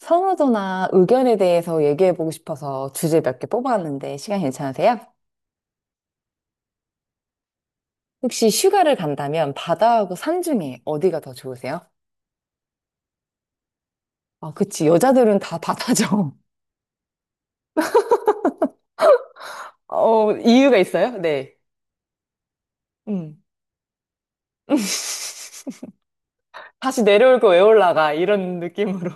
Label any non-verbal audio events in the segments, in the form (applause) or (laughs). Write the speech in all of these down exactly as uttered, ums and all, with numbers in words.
선호도나 의견에 대해서 얘기해보고 싶어서 주제 몇 개 뽑아왔는데 시간 괜찮으세요? 혹시 휴가를 간다면 바다하고 산 중에 어디가 더 좋으세요? 아, 그치. 여자들은 다 바다죠. (laughs) 어, 이유가 있어요? 네. 음. (laughs) 다시 내려올 거 왜 올라가? 이런 느낌으로.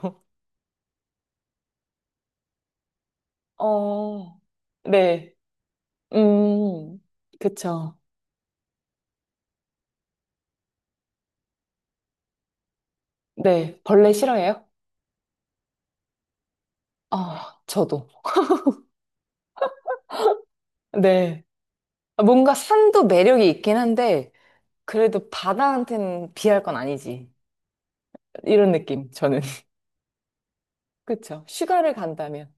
어, 네. 음, 그쵸. 네. 벌레 싫어해요? 아, 저도. 네. 뭔가 산도 매력이 있긴 한데, 그래도 바다한테는 비할 건 아니지. 이런 느낌, 저는. (laughs) 그쵸. 휴가를 간다면.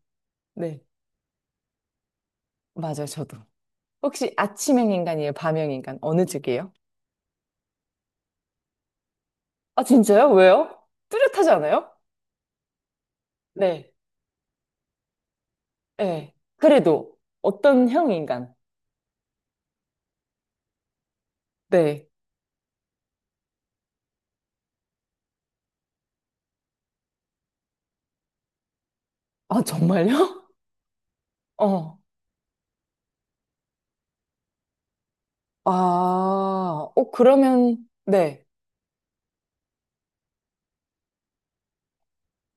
네. 맞아요, 저도. 혹시 아침형 인간이에요? 밤형 인간? 어느 쪽이에요? 아, 진짜요? 왜요? 뚜렷하지 않아요? 네. 네. 그래도 어떤 형 인간? 네. 아, 정말요? (laughs) 어. 아, 어, 그러면, 네.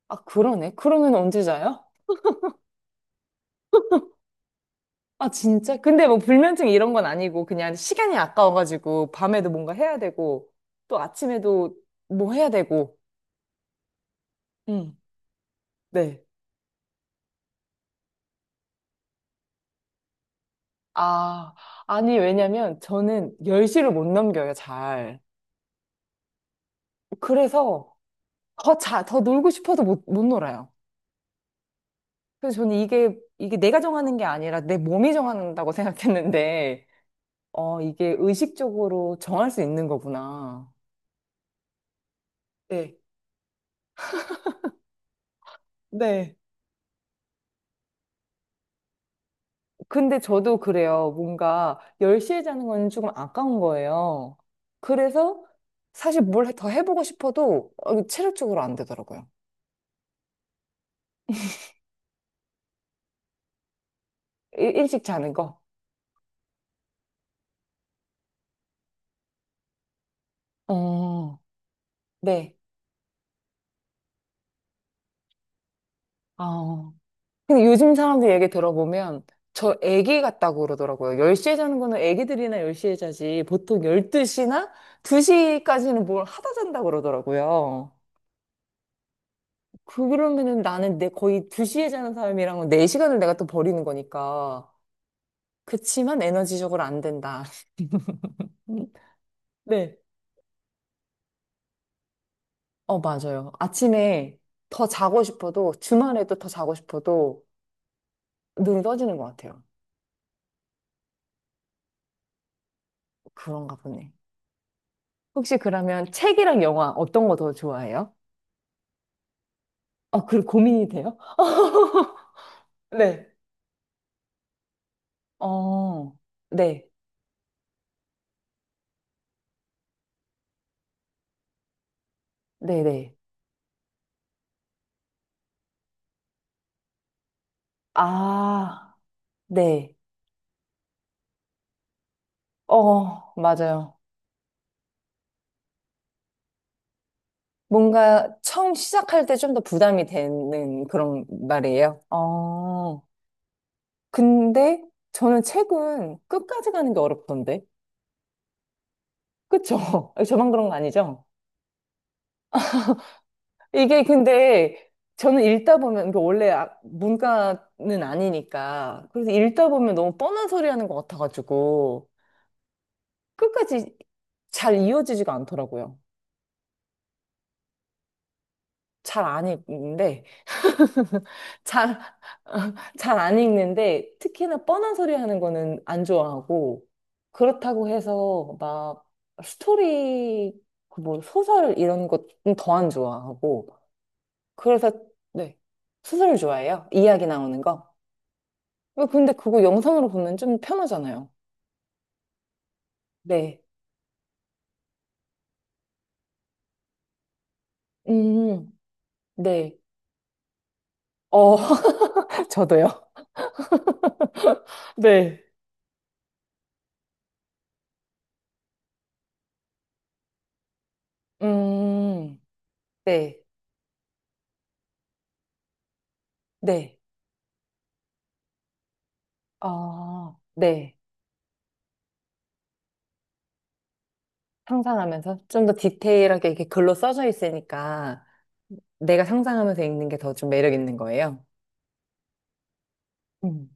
아, 그러네. 그러면 언제 자요? 아, 진짜? 근데 뭐 불면증 이런 건 아니고 그냥 시간이 아까워가지고 밤에도 뭔가 해야 되고 또 아침에도 뭐 해야 되고. 응. 네. 아, 아니, 왜냐면 저는 열시를 못 넘겨요, 잘. 그래서 더 자, 더 놀고 싶어도 못, 못 놀아요. 그래서 저는 이게, 이게 내가 정하는 게 아니라 내 몸이 정한다고 (laughs) 생각했는데, 어, 이게 의식적으로 정할 수 있는 거구나. 네. 네. 근데 저도 그래요. 뭔가 열 시에 자는 건 조금 아까운 거예요. 그래서 사실 뭘 더 해보고 싶어도 어, 체력적으로 안 되더라고요. 일, 일찍 자는 거. 어, 네. 아. 근데 요즘 사람들 얘기 들어보면 저 애기 같다고 그러더라고요. 열 시에 자는 거는 애기들이나 열 시에 자지 보통 열두 시나 두 시까지는 뭘 하다 잔다고 그러더라고요. 그러면은 나는 내 거의 두 시에 자는 사람이랑은 네 시간을 내가 또 버리는 거니까. 그치만 에너지적으로 안 된다. 음, 네. 어, 맞아요. 아침에 더 자고 싶어도, 주말에도 더 자고 싶어도 눈이 떠지는 것 같아요. 그런가 보네. 혹시 그러면 책이랑 영화 어떤 거 더 좋아해요? 아, 그리고 고민이 돼요? (laughs) 네. 어, 네. 네네. 아, 네. 어, 맞아요. 뭔가 처음 시작할 때 좀 더 부담이 되는 그런 말이에요. 어. 근데 저는 책은 끝까지 가는 게 어렵던데. 그쵸? (laughs) 저만 그런 거 아니죠? 이게 근데 저는 읽다 보면, 이게 원래 아- 문과는 아니니까. 그래서 읽다 보면 너무 뻔한 소리 하는 것 같아가지고. 끝까지 잘 이어지지가 않더라고요. 잘 안 읽는데. 잘, (laughs) 잘 안 읽는데, 특히나 뻔한 소리 하는 거는 안 좋아하고, 그렇다고 해서 막 스토리, 그뭐 소설 이런 것은 더 안 좋아하고, 그래서, 네, 소설을 좋아해요. 이야기 나오는 거. 어, 근데 그거 영상으로 보면 좀 편하잖아요. 네. 음, 네. 어, (laughs) 저도요. 네. 음, 네. 네. 아, 네. 상상하면서 좀 더 디테일하게 이렇게 글로 써져 있으니까 내가 상상하면서 읽는 게 더 좀 매력 있는 거예요. 음.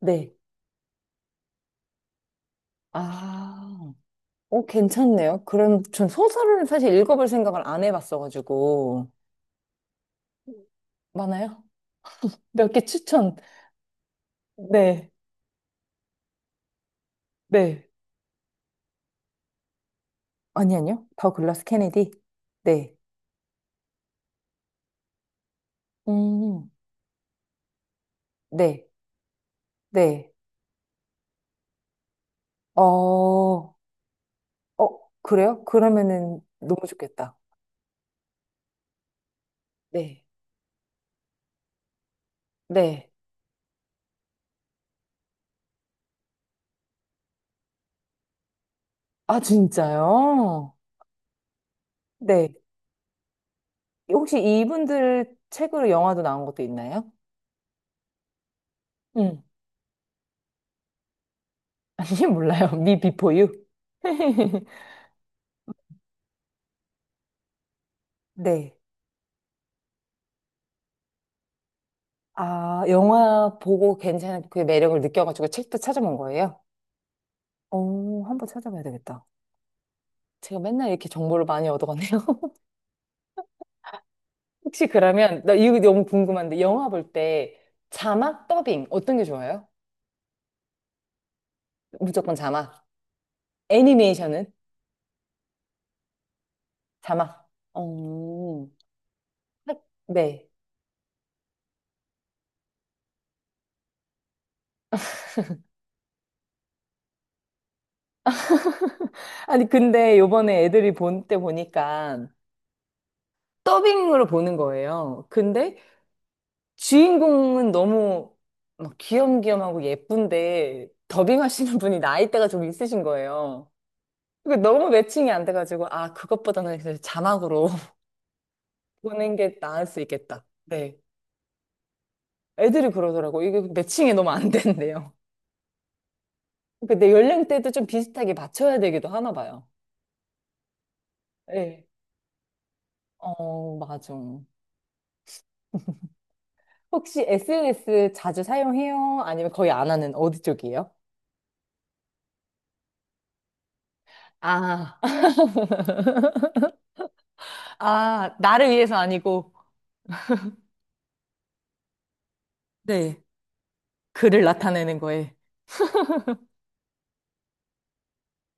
네. 아, 오, 괜찮네요. 그럼 전 소설을 사실 읽어볼 생각을 안 해봤어가지고. 많아요? 몇 개 추천. 네, 네. 아니, 아니요. 더 글라스 케네디. 네. 음, 네, 네. 어, 어, 그래요? 그러면은 너무 좋겠다. 네, 네. 아, 진짜요? 네. 혹시 이분들 책으로 영화도 나온 것도 있나요? 응. (laughs) 아니, 몰라요. 미 비포 유. (laughs) 네. 아, 영화 보고 괜찮은 그 매력을 느껴가지고 책도 찾아본 거예요? 오, 한번 찾아봐야 되겠다. 제가 맨날 이렇게 정보를 많이 얻어가네요. (laughs) 혹시 그러면, 나 이거 너무 궁금한데, 영화 볼 때 자막 더빙 어떤 게 좋아요? 무조건 자막. 애니메이션은? 자막. 어, 네. 아니, 근데 요번에 애들이 본 때 보니까 더빙으로 보는 거예요. 근데 주인공은 너무 막 귀염귀염하고 예쁜데 더빙하시는 (laughs) 분이 나이대가 좀 있으신 거예요. 그게 너무 매칭이 안 돼가지고 아 그것보다는 그냥 자막으로 (laughs) 보는 게 나을 수 있겠다. 네. 애들이 그러더라고. 이게 매칭이 너무 안 된대요. 근데 연령대도 좀 비슷하게 맞춰야 되기도 하나 봐요. 네. 어, 맞아. 혹시 에스엔에스 자주 사용해요? 아니면 거의 안 하는 어디 쪽이에요? 아. (laughs) 아, 나를 위해서 아니고 네. 그를 나타내는 거에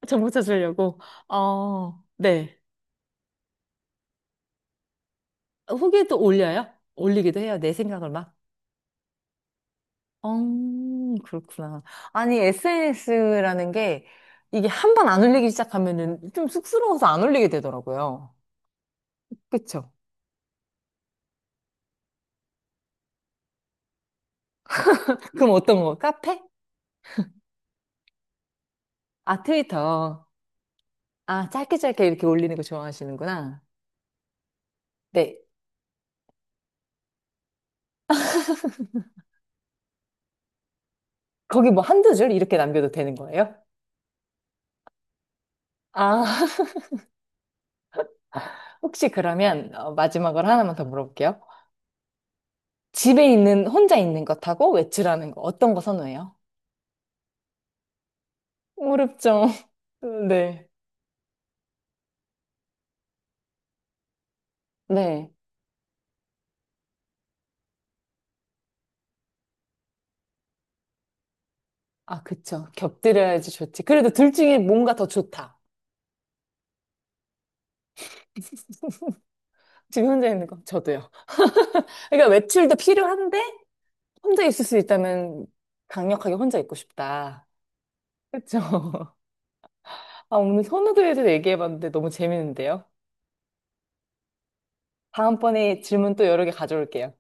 정보 찾으려고. 어, 네. 후기도 올려요? 올리기도 해요. 내 생각을 막. 음, 그렇구나. 아니, 에스엔에스라는 게 이게 한번 안 올리기 시작하면은 좀 쑥스러워서 안 올리게 되더라고요. 그쵸? 그럼 어떤 거? 카페? 아, 트위터. 아, 짧게 짧게 이렇게 올리는 거 좋아하시는구나. 네. 거기 뭐 한두 줄 이렇게 남겨도 되는 거예요? 아, 혹시 그러면 어, 마지막으로 하나만 더 물어볼게요. 집에 있는, 혼자 있는 것하고 외출하는 거 어떤 거 선호해요? 어렵죠. (laughs) 네. 네. 아, 그쵸. 곁들여야지 좋지. 그래도 둘 중에 뭔가 더 좋다. (laughs) 집에 혼자 있는 거. 저도요. 그러니까 외출도 필요한데 혼자 있을 수 있다면 강력하게 혼자 있고 싶다. 그쵸. (laughs) 아, 오늘 선호도에 대해서 얘기해봤는데 너무 재밌는데요. 다음번에 질문 또 여러 개 가져올게요.